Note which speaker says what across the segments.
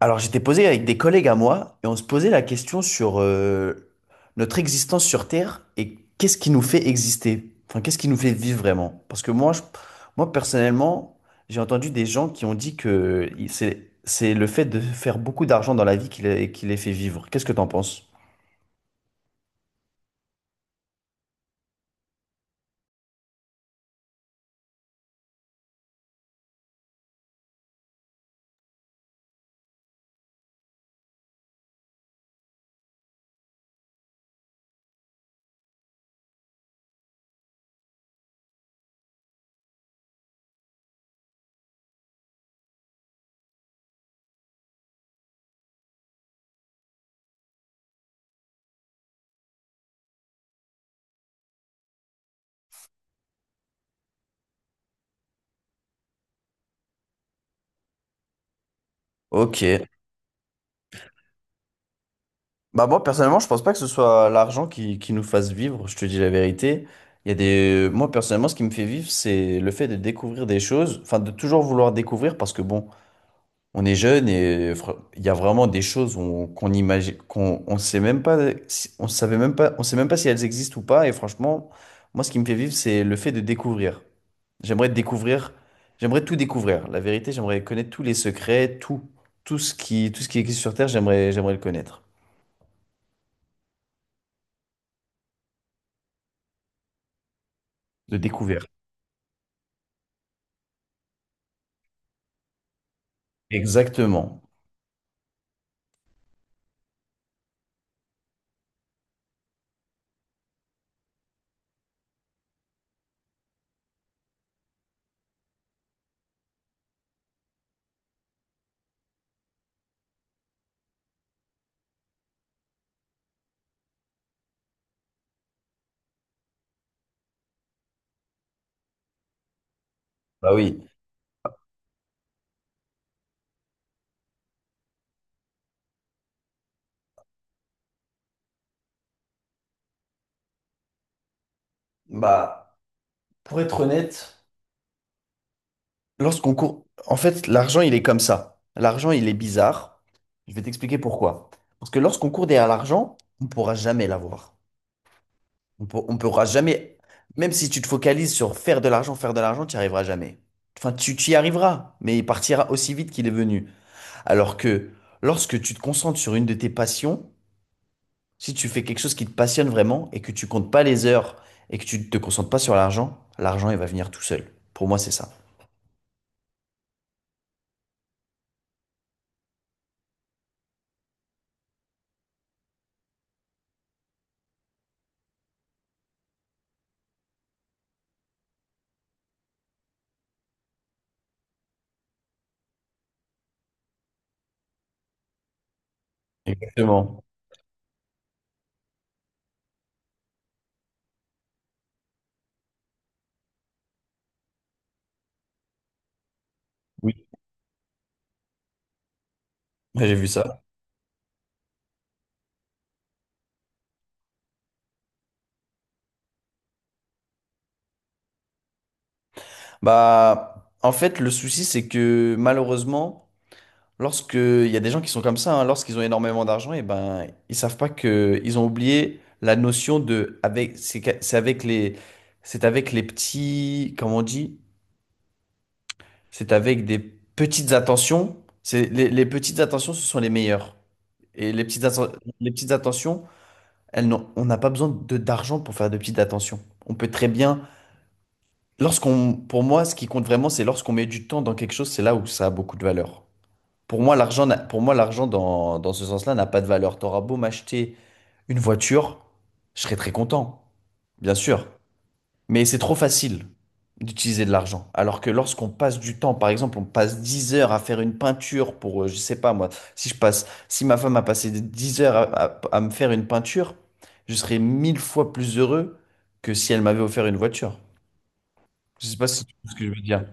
Speaker 1: Alors, j'étais posé avec des collègues à moi et on se posait la question sur notre existence sur Terre et qu'est-ce qui nous fait exister? Enfin, qu'est-ce qui nous fait vivre vraiment? Parce que moi, moi personnellement, j'ai entendu des gens qui ont dit que c'est le fait de faire beaucoup d'argent dans la vie qui les fait vivre. Qu'est-ce que t'en penses? Ok. Bah moi personnellement, je pense pas que ce soit l'argent qui nous fasse vivre, je te dis la vérité. Il y a des Moi personnellement, ce qui me fait vivre, c'est le fait de découvrir des choses, enfin de toujours vouloir découvrir parce que bon, on est jeune et il y a vraiment des choses qu'on imagine, qu'on on sait même pas, on savait même pas, on sait même pas si elles existent ou pas. Et franchement, moi, ce qui me fait vivre, c'est le fait de découvrir. J'aimerais découvrir, j'aimerais tout découvrir. La vérité, j'aimerais connaître tous les secrets, tout, tout ce qui existe sur Terre, j'aimerais le connaître. De découvrir. Exactement. Bah oui. Bah, pour être honnête. Lorsqu'on court, en fait, l'argent, il est comme ça. L'argent, il est bizarre. Je vais t'expliquer pourquoi. Parce que lorsqu'on court derrière l'argent, on ne pourra jamais l'avoir. On pourra jamais, même si tu te focalises sur faire de l'argent, tu n'y arriveras jamais. Enfin, tu y arriveras, mais il partira aussi vite qu'il est venu. Alors que lorsque tu te concentres sur une de tes passions, si tu fais quelque chose qui te passionne vraiment et que tu comptes pas les heures et que tu ne te concentres pas sur l'argent, l'argent, il va venir tout seul. Pour moi, c'est ça. Exactement. Oui, j'ai vu ça. Bah, en fait, le souci, c'est que malheureusement, lorsque il y a des gens qui sont comme ça, hein, lorsqu'ils ont énormément d'argent, et ben, ils savent pas que ils ont oublié la notion de c'est avec les petits, comment on dit? C'est avec des petites attentions. C'est les petites attentions, ce sont les meilleures. Et les petites attentions, on n'a pas besoin de d'argent pour faire de petites attentions. On peut très bien lorsqu'on, pour moi, ce qui compte vraiment, c'est lorsqu'on met du temps dans quelque chose, c'est là où ça a beaucoup de valeur. Pour moi, l'argent, n'a- pour moi, l'argent dans ce sens-là n'a pas de valeur. T'auras beau m'acheter une voiture, je serai très content, bien sûr. Mais c'est trop facile d'utiliser de l'argent. Alors que lorsqu'on passe du temps, par exemple, on passe 10 heures à faire une peinture pour, je sais pas moi, si je passe, si ma femme a passé 10 heures à me faire une peinture, je serais mille fois plus heureux que si elle m'avait offert une voiture. Je sais pas si tu vois ce que je veux dire.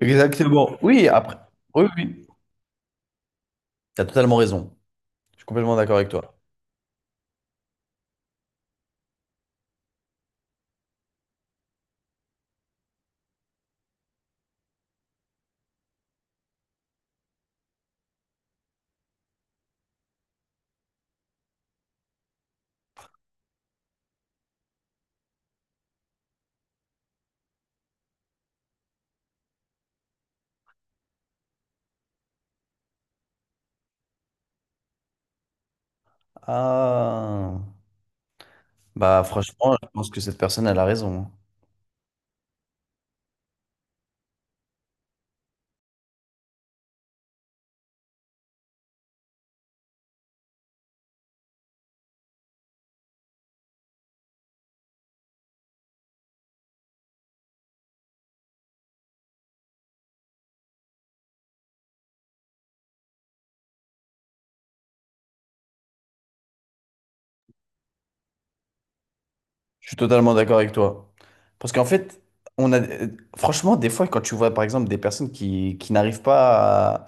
Speaker 1: Exactement. Oui, après. Oui, oui. Tu as totalement raison. Je suis complètement d'accord avec toi. Ah. Bah, franchement, je pense que cette personne, elle a raison, hein. Je suis totalement d'accord avec toi. Parce qu'en fait, on a. Franchement, des fois, quand tu vois, par exemple, des personnes qui n'arrivent pas à-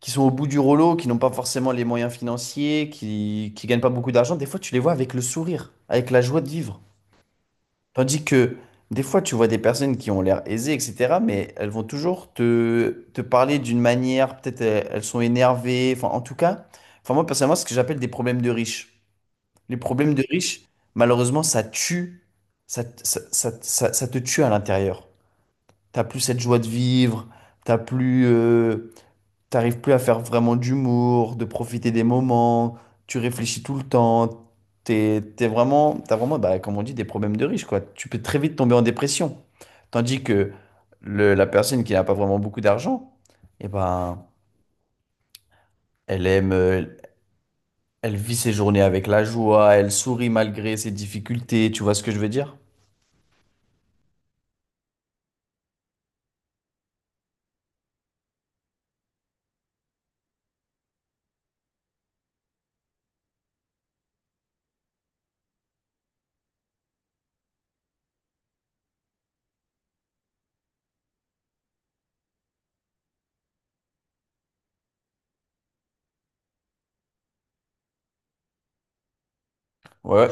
Speaker 1: qui sont au bout du rouleau, qui n'ont pas forcément les moyens financiers, qui gagnent pas beaucoup d'argent, des fois, tu les vois avec le sourire, avec la joie de vivre. Tandis que des fois, tu vois des personnes qui ont l'air aisées, etc., mais elles vont toujours te parler d'une manière, peut-être elles sont énervées, enfin en tout cas, enfin moi personnellement, c'est ce que j'appelle des problèmes de riches. Les problèmes de riches, malheureusement, ça tue, ça te tue à l'intérieur. T'as plus cette joie de vivre, t'as plus, t'arrives plus à faire vraiment d'humour, de profiter des moments, tu réfléchis tout le temps, t'es vraiment, t'as vraiment, bah, comme on dit, des problèmes de riche, quoi. Tu peux très vite tomber en dépression. Tandis que la personne qui n'a pas vraiment beaucoup d'argent, eh ben, elle aime, elle vit ses journées avec la joie, elle sourit malgré ses difficultés, tu vois ce que je veux dire? Ouais,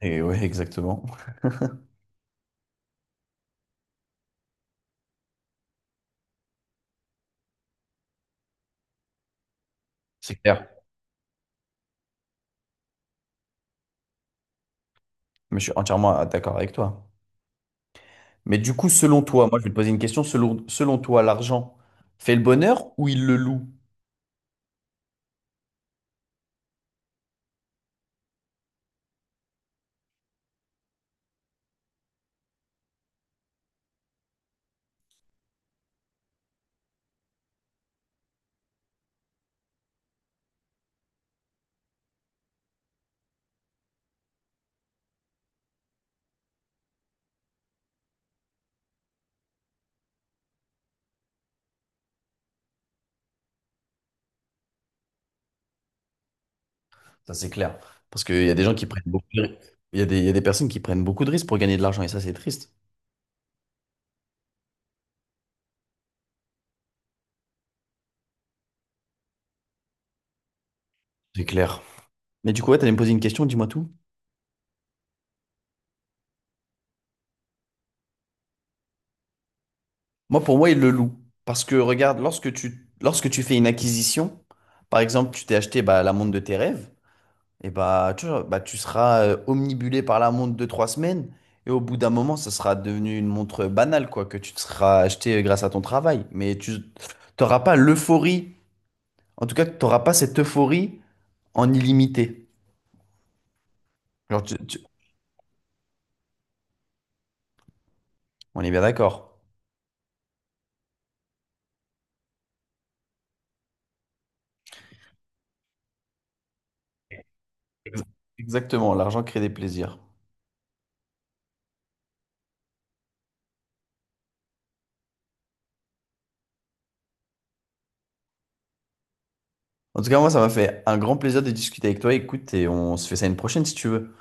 Speaker 1: et ouais, exactement. C'est clair. Mais je suis entièrement d'accord avec toi. Mais du coup, selon toi, moi je vais te poser une question, selon toi, l'argent fait le bonheur ou il le loue? Ça c'est clair. Parce qu'il y a des gens qui prennent beaucoup de risques. Il y a des, il y a des personnes qui prennent beaucoup de risques pour gagner de l'argent et ça c'est triste. C'est clair. Mais du coup, ouais, t'allais me poser une question, dis-moi tout. Moi, pour moi, il le loue. Parce que regarde, lorsque tu fais une acquisition, par exemple, tu t'es acheté bah, la montre de tes rêves, et bah, tu vois, bah, tu seras omnibulé par la montre de 3 semaines, et au bout d'un moment, ça sera devenu une montre banale, quoi, que tu te seras acheté grâce à ton travail. Mais tu n'auras pas l'euphorie, en tout cas, tu n'auras pas cette euphorie en illimité. Genre, tu- tu- on est bien d'accord. Ex- Exactement, l'argent crée des plaisirs. En tout cas, moi, ça m'a fait un grand plaisir de discuter avec toi. Écoute, et on se fait ça une prochaine si tu veux.